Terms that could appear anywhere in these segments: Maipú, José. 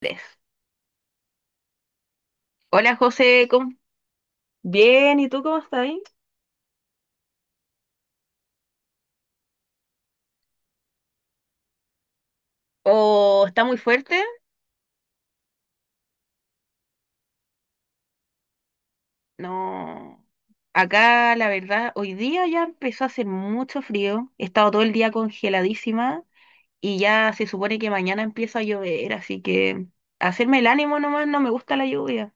Tres. Hola José, Bien, ¿y tú cómo estás ahí? ¿O está muy fuerte? No. Acá, la verdad, hoy día ya empezó a hacer mucho frío. He estado todo el día congeladísima y ya se supone que mañana empieza a llover, así que hacerme el ánimo nomás. No me gusta la lluvia.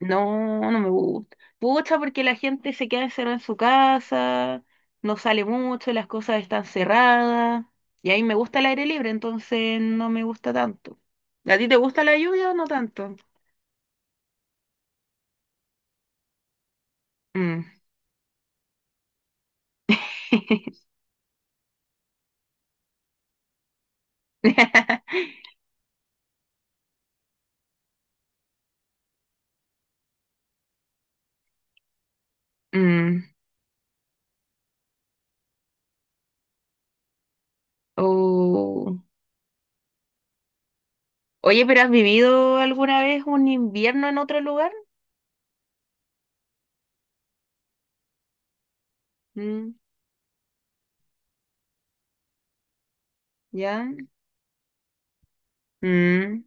No, no me gusta. Pucha, porque la gente se queda encerrada en su casa, no sale mucho, las cosas están cerradas. Y a mí me gusta el aire libre, entonces no me gusta tanto. ¿A ti te gusta la lluvia o no tanto? Mm. Mm. Oh. Oye, pero ¿has vivido alguna vez un invierno en otro lugar? Mm. ¿Ya? Mm.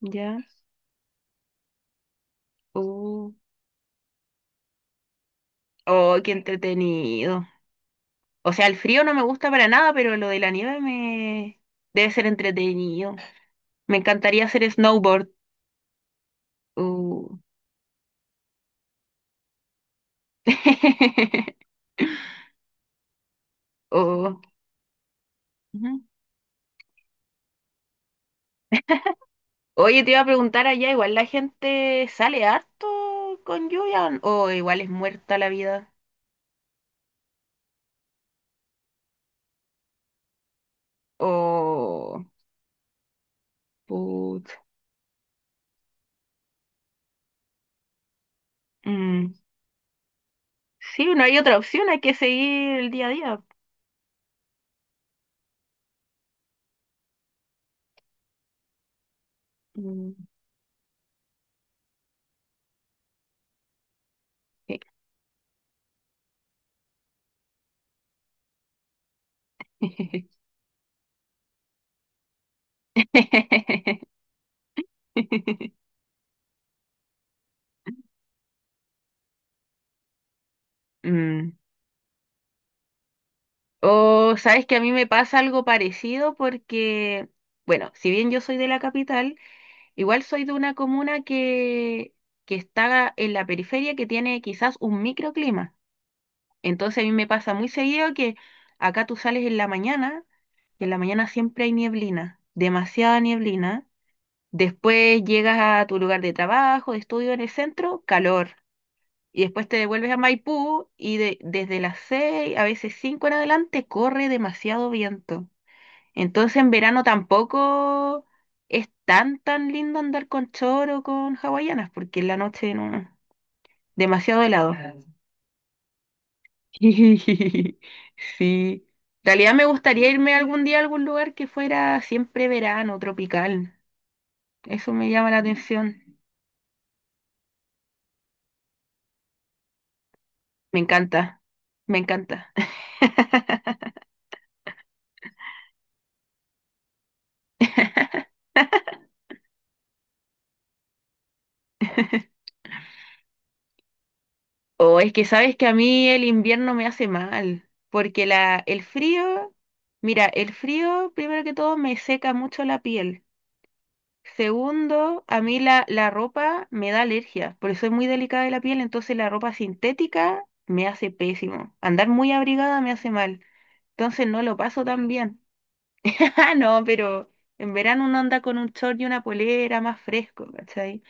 ¿Ya? Oh. Oh, qué entretenido. O sea, el frío no me gusta para nada, pero lo de la nieve me debe ser entretenido. Me encantaría hacer snowboard. Uh. Oh. Ujú. Oye, te iba a preguntar allá, igual la gente sale harto con lluvia o igual es muerta la vida. O put. Mm. Sí, no hay otra opción, hay que seguir el día a día. Mm. Mm. O sabes que a mí me pasa algo parecido porque, bueno, si bien yo soy de la capital, igual soy de una comuna que está en la periferia que tiene quizás un microclima. Entonces a mí me pasa muy seguido que acá tú sales en la mañana y en la mañana siempre hay nieblina, demasiada nieblina. Después llegas a tu lugar de trabajo, de estudio en el centro, calor. Y después te devuelves a Maipú y desde las 6 a veces 5 en adelante, corre demasiado viento. Entonces en verano tampoco es tan tan lindo andar con choro o con hawaianas, porque en la noche no, no, demasiado helado. Sí. En realidad me gustaría irme algún día a algún lugar que fuera siempre verano, tropical. Eso me llama la atención. Me encanta, me encanta. O es que sabes que a mí el invierno me hace mal, porque el frío, mira, el frío primero que todo me seca mucho la piel. Segundo, a mí la ropa me da alergia, porque soy muy delicada de la piel, entonces la ropa sintética me hace pésimo. Andar muy abrigada me hace mal, entonces no lo paso tan bien. Ah, no, pero en verano uno anda con un short y una polera más fresco, ¿cachai?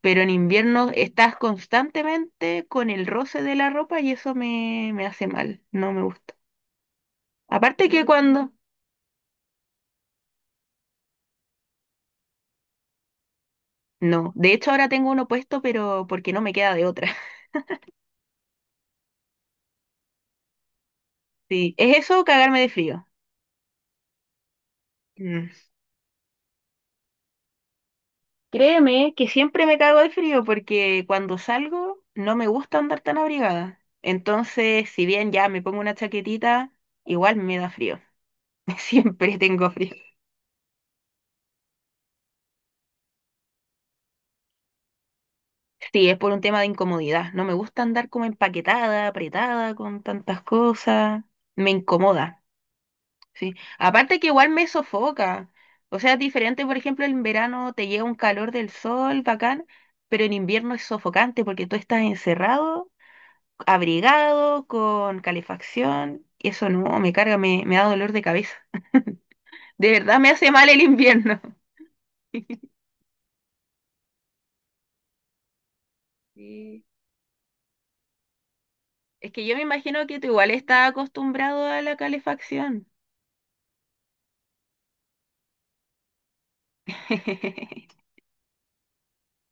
Pero en invierno estás constantemente con el roce de la ropa y eso me hace mal, no me gusta. Aparte que cuando. No, de hecho ahora tengo uno puesto, pero porque no me queda de otra. Sí, es eso, o cagarme de frío. Créeme que siempre me cago de frío porque cuando salgo no me gusta andar tan abrigada. Entonces, si bien ya me pongo una chaquetita, igual me da frío. Siempre tengo frío. Sí, es por un tema de incomodidad. No me gusta andar como empaquetada, apretada con tantas cosas. Me incomoda, sí. Aparte que igual me sofoca. O sea, es diferente, por ejemplo, en verano te llega un calor del sol, bacán, pero en invierno es sofocante porque tú estás encerrado abrigado, con calefacción. Y eso no, me carga, me da dolor de cabeza. De verdad me hace mal el invierno. Sí. Es que yo me imagino que tú igual estás acostumbrado a la calefacción.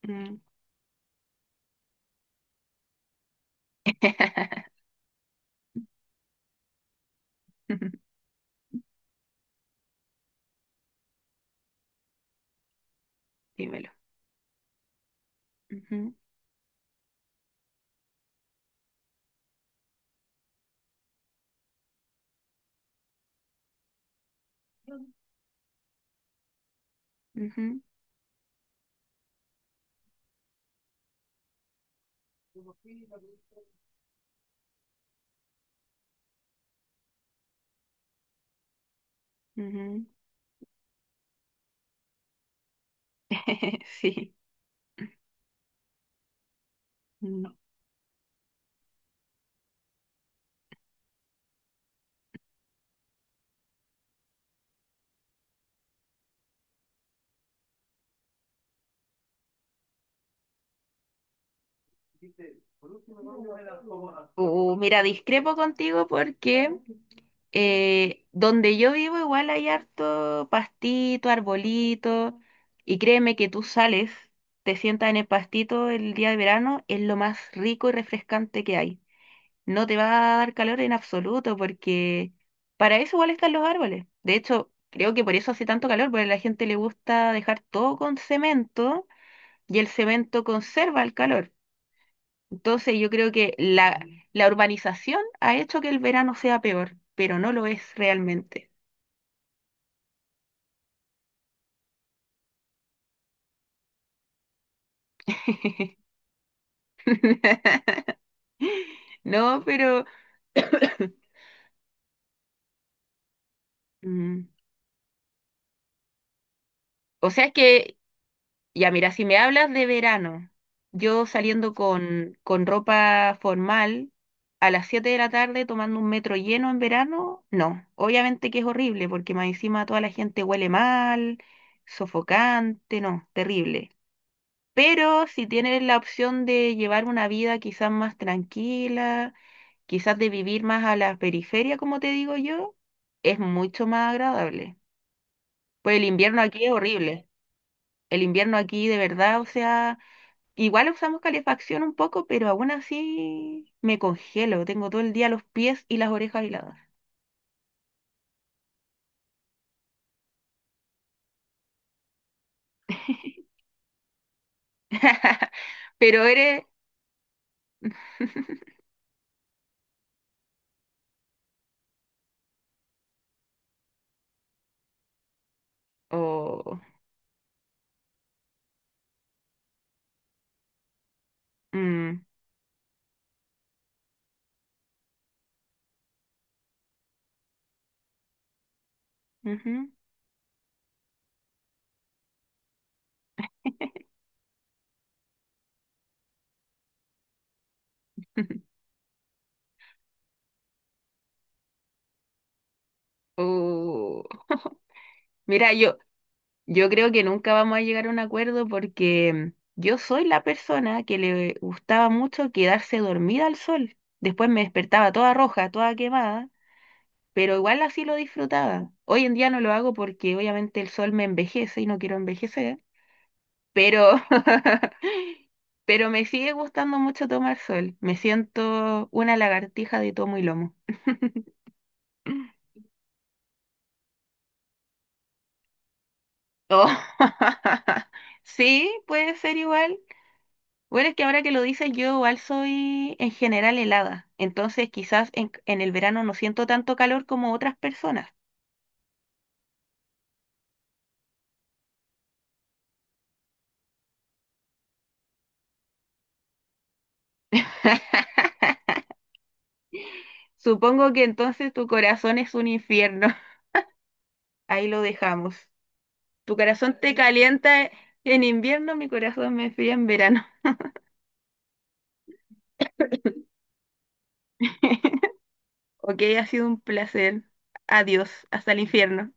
Mm. Dímelo. Ujú, ujú, ujú. Sí. Mm. Mira, discrepo contigo porque donde yo vivo igual hay harto pastito, arbolito, y créeme que tú sales, te sientas en el pastito el día de verano, es lo más rico y refrescante que hay. No te va a dar calor en absoluto porque para eso igual están los árboles. De hecho, creo que por eso hace tanto calor, porque a la gente le gusta dejar todo con cemento y el cemento conserva el calor. Entonces yo creo que la urbanización ha hecho que el verano sea peor, pero no lo es realmente. No, pero. mm, O sea, es que, ya mira, si me hablas de verano, yo saliendo con, ropa formal a las 7 de la tarde tomando un metro lleno en verano, no, obviamente que es horrible porque más encima toda la gente huele mal, sofocante, no, terrible. Pero si tienes la opción de llevar una vida quizás más tranquila, quizás de vivir más a la periferia, como te digo yo, es mucho más agradable. Pues el invierno aquí es horrible. El invierno aquí de verdad, o sea, igual usamos calefacción un poco, pero aún así me congelo. Tengo todo el día los pies y las orejas heladas. Pero eres. Oh, mm, ujú, Oh. Mira, yo creo que nunca vamos a llegar a un acuerdo porque yo soy la persona que le gustaba mucho quedarse dormida al sol. Después me despertaba toda roja, toda quemada, pero igual así lo disfrutaba. Hoy en día no lo hago porque obviamente el sol me envejece y no quiero envejecer, pero, pero me sigue gustando mucho tomar sol. Me siento una lagartija de tomo y lomo. Oh, Sí, puede ser igual. Bueno, es que ahora que lo dices, yo igual soy en general helada, entonces quizás en el verano no siento tanto calor como otras personas. Supongo que entonces tu corazón es un infierno. Ahí lo dejamos. Tu corazón te calienta en invierno, mi corazón me fría en verano. Ok, ha sido un placer. Adiós, hasta el infierno.